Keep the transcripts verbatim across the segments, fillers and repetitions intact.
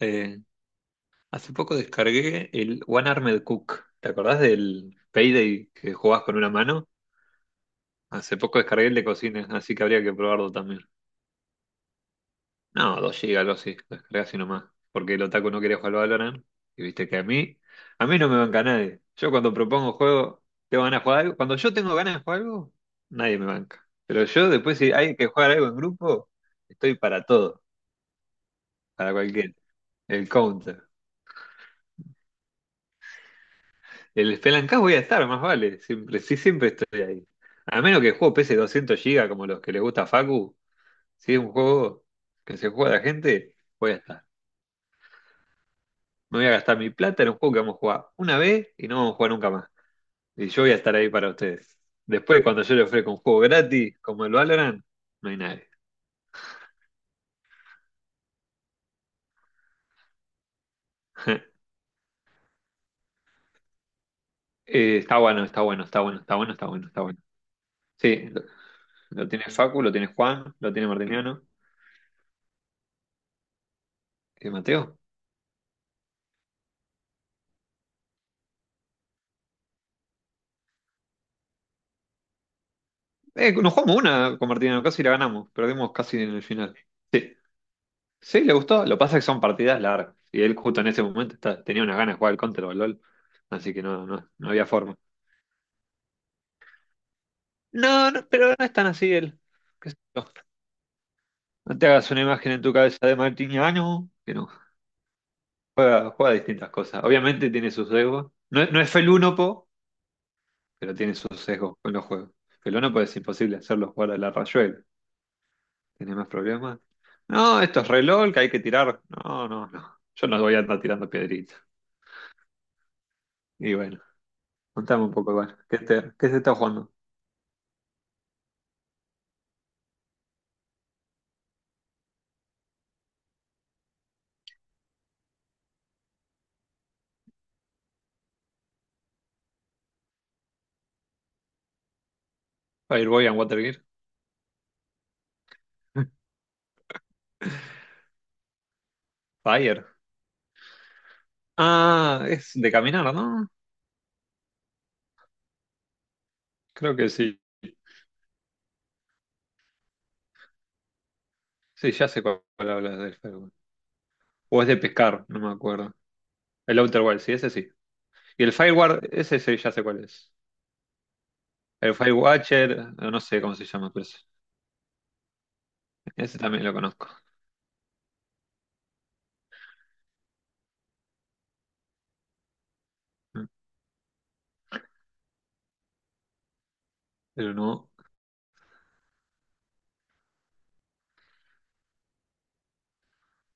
Eh, Hace poco descargué el One Armed Cook. ¿Te acordás del Payday que jugabas con una mano? Hace poco descargué el de cocina, así que habría que probarlo también. No, dos gigas, algo así. Lo descargué así nomás. Porque el otaku no quería jugar al Valorant. Y viste que a mí, a mí no me banca nadie. Yo cuando propongo juego, tengo ganas de jugar algo. Cuando yo tengo ganas de jugar algo, nadie me banca. Pero yo después, si hay que jugar algo en grupo, estoy para todo, para cualquier. El counter. El Spelunky voy a estar, más vale. Siempre, sí, siempre estoy ahí. A menos que el juego pese doscientos gigas como los que le gusta a Facu. Si es un juego que se juega a la gente, voy a estar. No voy a gastar mi plata en un juego que vamos a jugar una vez y no vamos a jugar nunca más. Y yo voy a estar ahí para ustedes. Después, cuando yo le ofrezco un juego gratis, como el Valorant, no hay nadie. Eh, está bueno, está bueno, está bueno, está bueno, está bueno, está bueno. Sí, lo, lo tiene Facu, lo tiene Juan, lo tiene Martiniano. ¿Y Mateo? Eh, nos jugamos una con Martina Alcázar y la ganamos. Perdimos casi en el final. Sí. Sí, le gustó. Lo que pasa es que son partidas largas. Y él justo en ese momento está- tenía una gana de jugar al Counter o al LOL. Así que no, no, no había forma. No, no, pero no es tan así él. Qué sé yo. No te hagas una imagen en tu cabeza de Martiniano, que no. Juega, juega distintas cosas. Obviamente tiene sus sesgos. No, es no es felúnopo, pero tiene sus sesgos con los juegos. Felúnopo es imposible hacerlo jugar a la Rayuela. ¿Tenés más problemas? No, esto es reloj que hay que tirar. No, no, no. Yo no voy a andar tirando piedritas. Y bueno, contame un poco igual. ¿Qué, te- qué se está jugando? Fireboy and Watergear. Fire. Ah, es de caminar, ¿no? Creo que sí. Sí, ya sé cuál hablas del Firewall. O es de pescar, no me acuerdo. El Outer Wilds, sí, ese sí. Y el Fireward, ese sí, ya sé cuál es. El Firewatcher, no sé cómo se llama, pero ese, ese también lo conozco. Mm, pero no.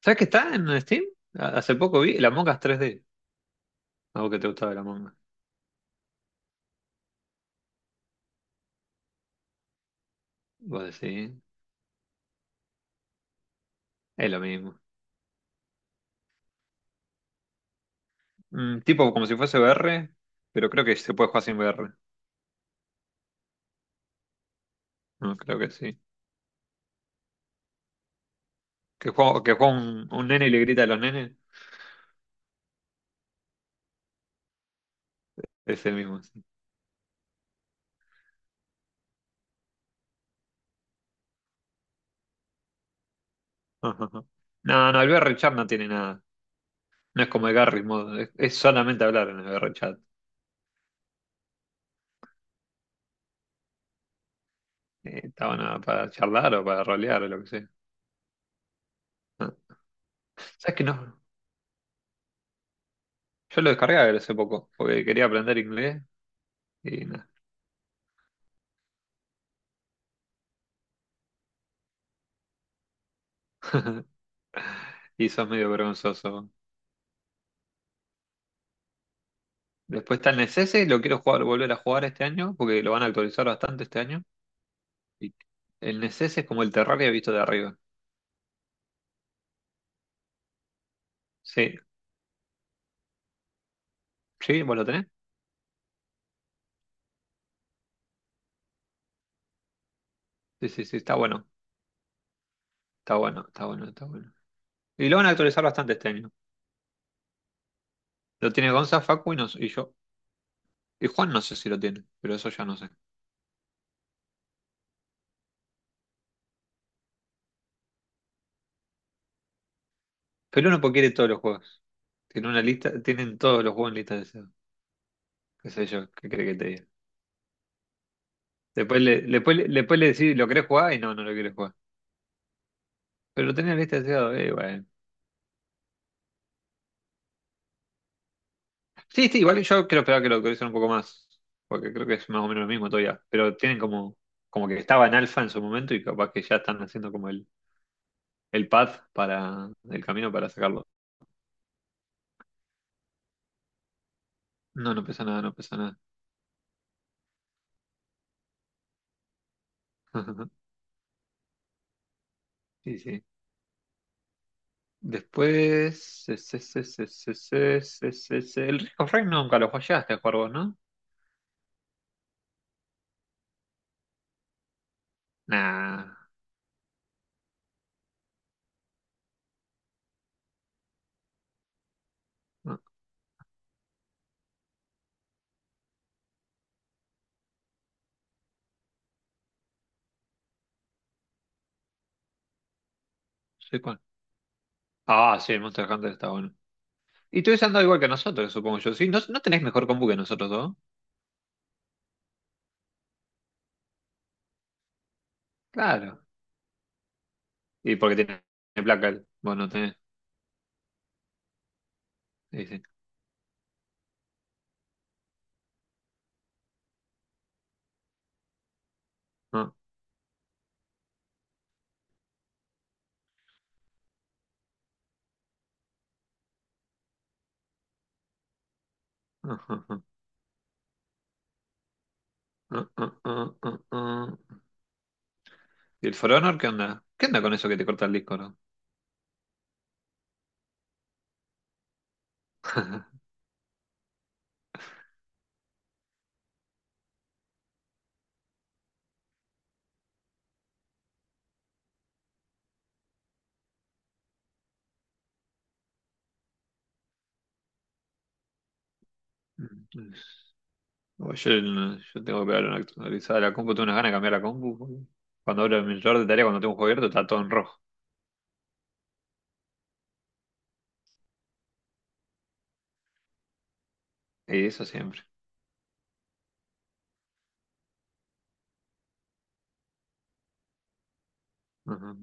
¿Sabes que está en Steam? A- Hace poco vi el Among Us tres D. Algo que te gustaba el Among Us. Vos decís, es lo mismo. Mm, tipo como si fuese V R, pero creo que se puede jugar sin V R. No, creo que sí. Que juega, que juega un, un nene y le grita a los nenes, es el mismo. Sí. No, no, el V R chat no tiene nada. No es como el Garry's Mod, es, es solamente hablar en el V R chat. Eh, estaba nada para charlar o para rolear o lo que sea. No. ¿Sabes que no? Yo lo descargué hace poco, porque quería aprender inglés y nada. Y sos medio vergonzoso. Después está el Necese, lo quiero jugar, volver a jugar este año, porque lo van a actualizar bastante este año. Y el Necese es como el Terraria visto de arriba. Sí, sí, ¿vos lo tenés? Sí, sí, sí, está bueno, está bueno, está bueno, está bueno. Y lo van a actualizar bastante este año. Lo tiene Gonza, Facu y, nos- y yo. Y Juan no sé si lo tiene, pero eso ya no sé. Pero uno porque quiere todos los juegos. Tiene una lista, tienen todos los juegos en lista de deseados. Qué sé yo, qué cree que te diga. Después le, después, le- después le decís, ¿lo querés jugar? Y no, no lo querés jugar. Pero lo tenés en lista de deseados, eh, bueno. Sí, sí, igual yo creo esperaba que lo actualicen un poco más, porque creo que es más o menos lo mismo todavía, pero tienen como, como que estaba en alfa en su momento y capaz que ya están haciendo como el, el path para el camino para sacarlo. No, no pesa nada, no pesa nada. Sí, sí. Después, es, es, es, es, es, es, es, es- el Risk of Rain nunca lo jugaste a jugar vos, ¿no? Nah, no sé cuál. Ah, sí, el Monster Hunter está bueno. Y tú ando igual que nosotros, supongo yo. Sí, ¿no, no tenés mejor compu que nosotros dos? Claro. Y porque tiene placa él. Vos no tenés. Sí, sí. Ah, ah, ah, ah, ah, ah, ah, ah, ah. ¿Y el For Honor qué onda? ¿Qué onda con eso que te corta el disco, no? Oye, yo, no- yo tengo que pegar una actualizada a la compu. Tengo unas ganas de cambiar la compu, boludo. Cuando abro el monitor de tarea, cuando tengo un juego abierto, está todo en rojo. Y eso siempre. Ajá.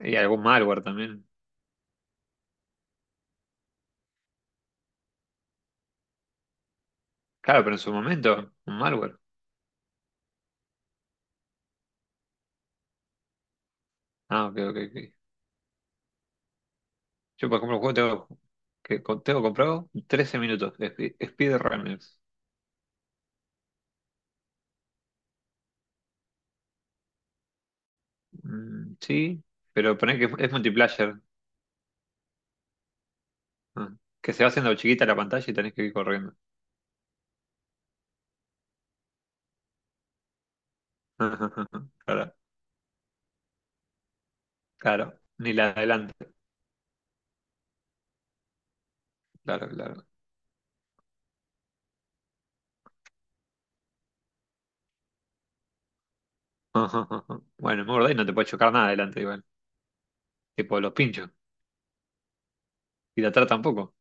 Y algún malware también. Claro, pero en su momento, un malware. Ah, ok, ok, ok. Yo, por ejemplo, un juego tengo que tengo comprado trece minutos. Spe- Speed Runners. Mm, sí, pero ponés que es multiplayer. Ah, que se va haciendo chiquita la pantalla y tenés que ir corriendo. Claro, claro. Ni la de adelante. Claro, claro. Bueno, me acordé y no te puede chocar nada adelante igual. Tipo los pinchos. Y de atrás tampoco.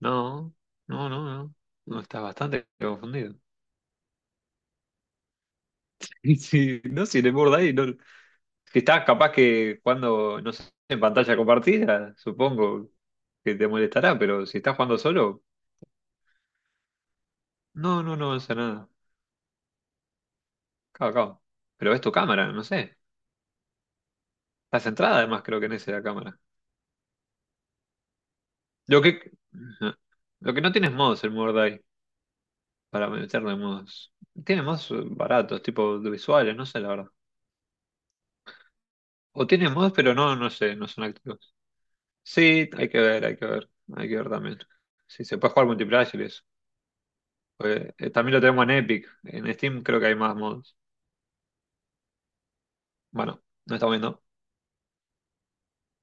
No, no, no, no. No, estás bastante confundido. Sí, no, si te morda ahí, no. Si estás capaz que cuando, no sé, en pantalla compartida, supongo que te molestará, pero si estás jugando solo, no, no, no avanza nada. Cabo, cabo. Pero ves tu cámara, no sé. Está centrada además, creo que en esa cámara. Lo que, ajá, lo que no tienes es mods el Mordai para meterle mods. Tiene mods, eh, baratos, tipo de visuales, no sé la verdad. O tiene mods, pero no, no sé, no son activos. Sí, hay que ver, hay que ver. Hay que ver también. Sí, se puede jugar multiplayer y eso. Pues, eh, también lo tenemos en Epic. En Steam creo que hay más mods. Bueno, no estamos viendo.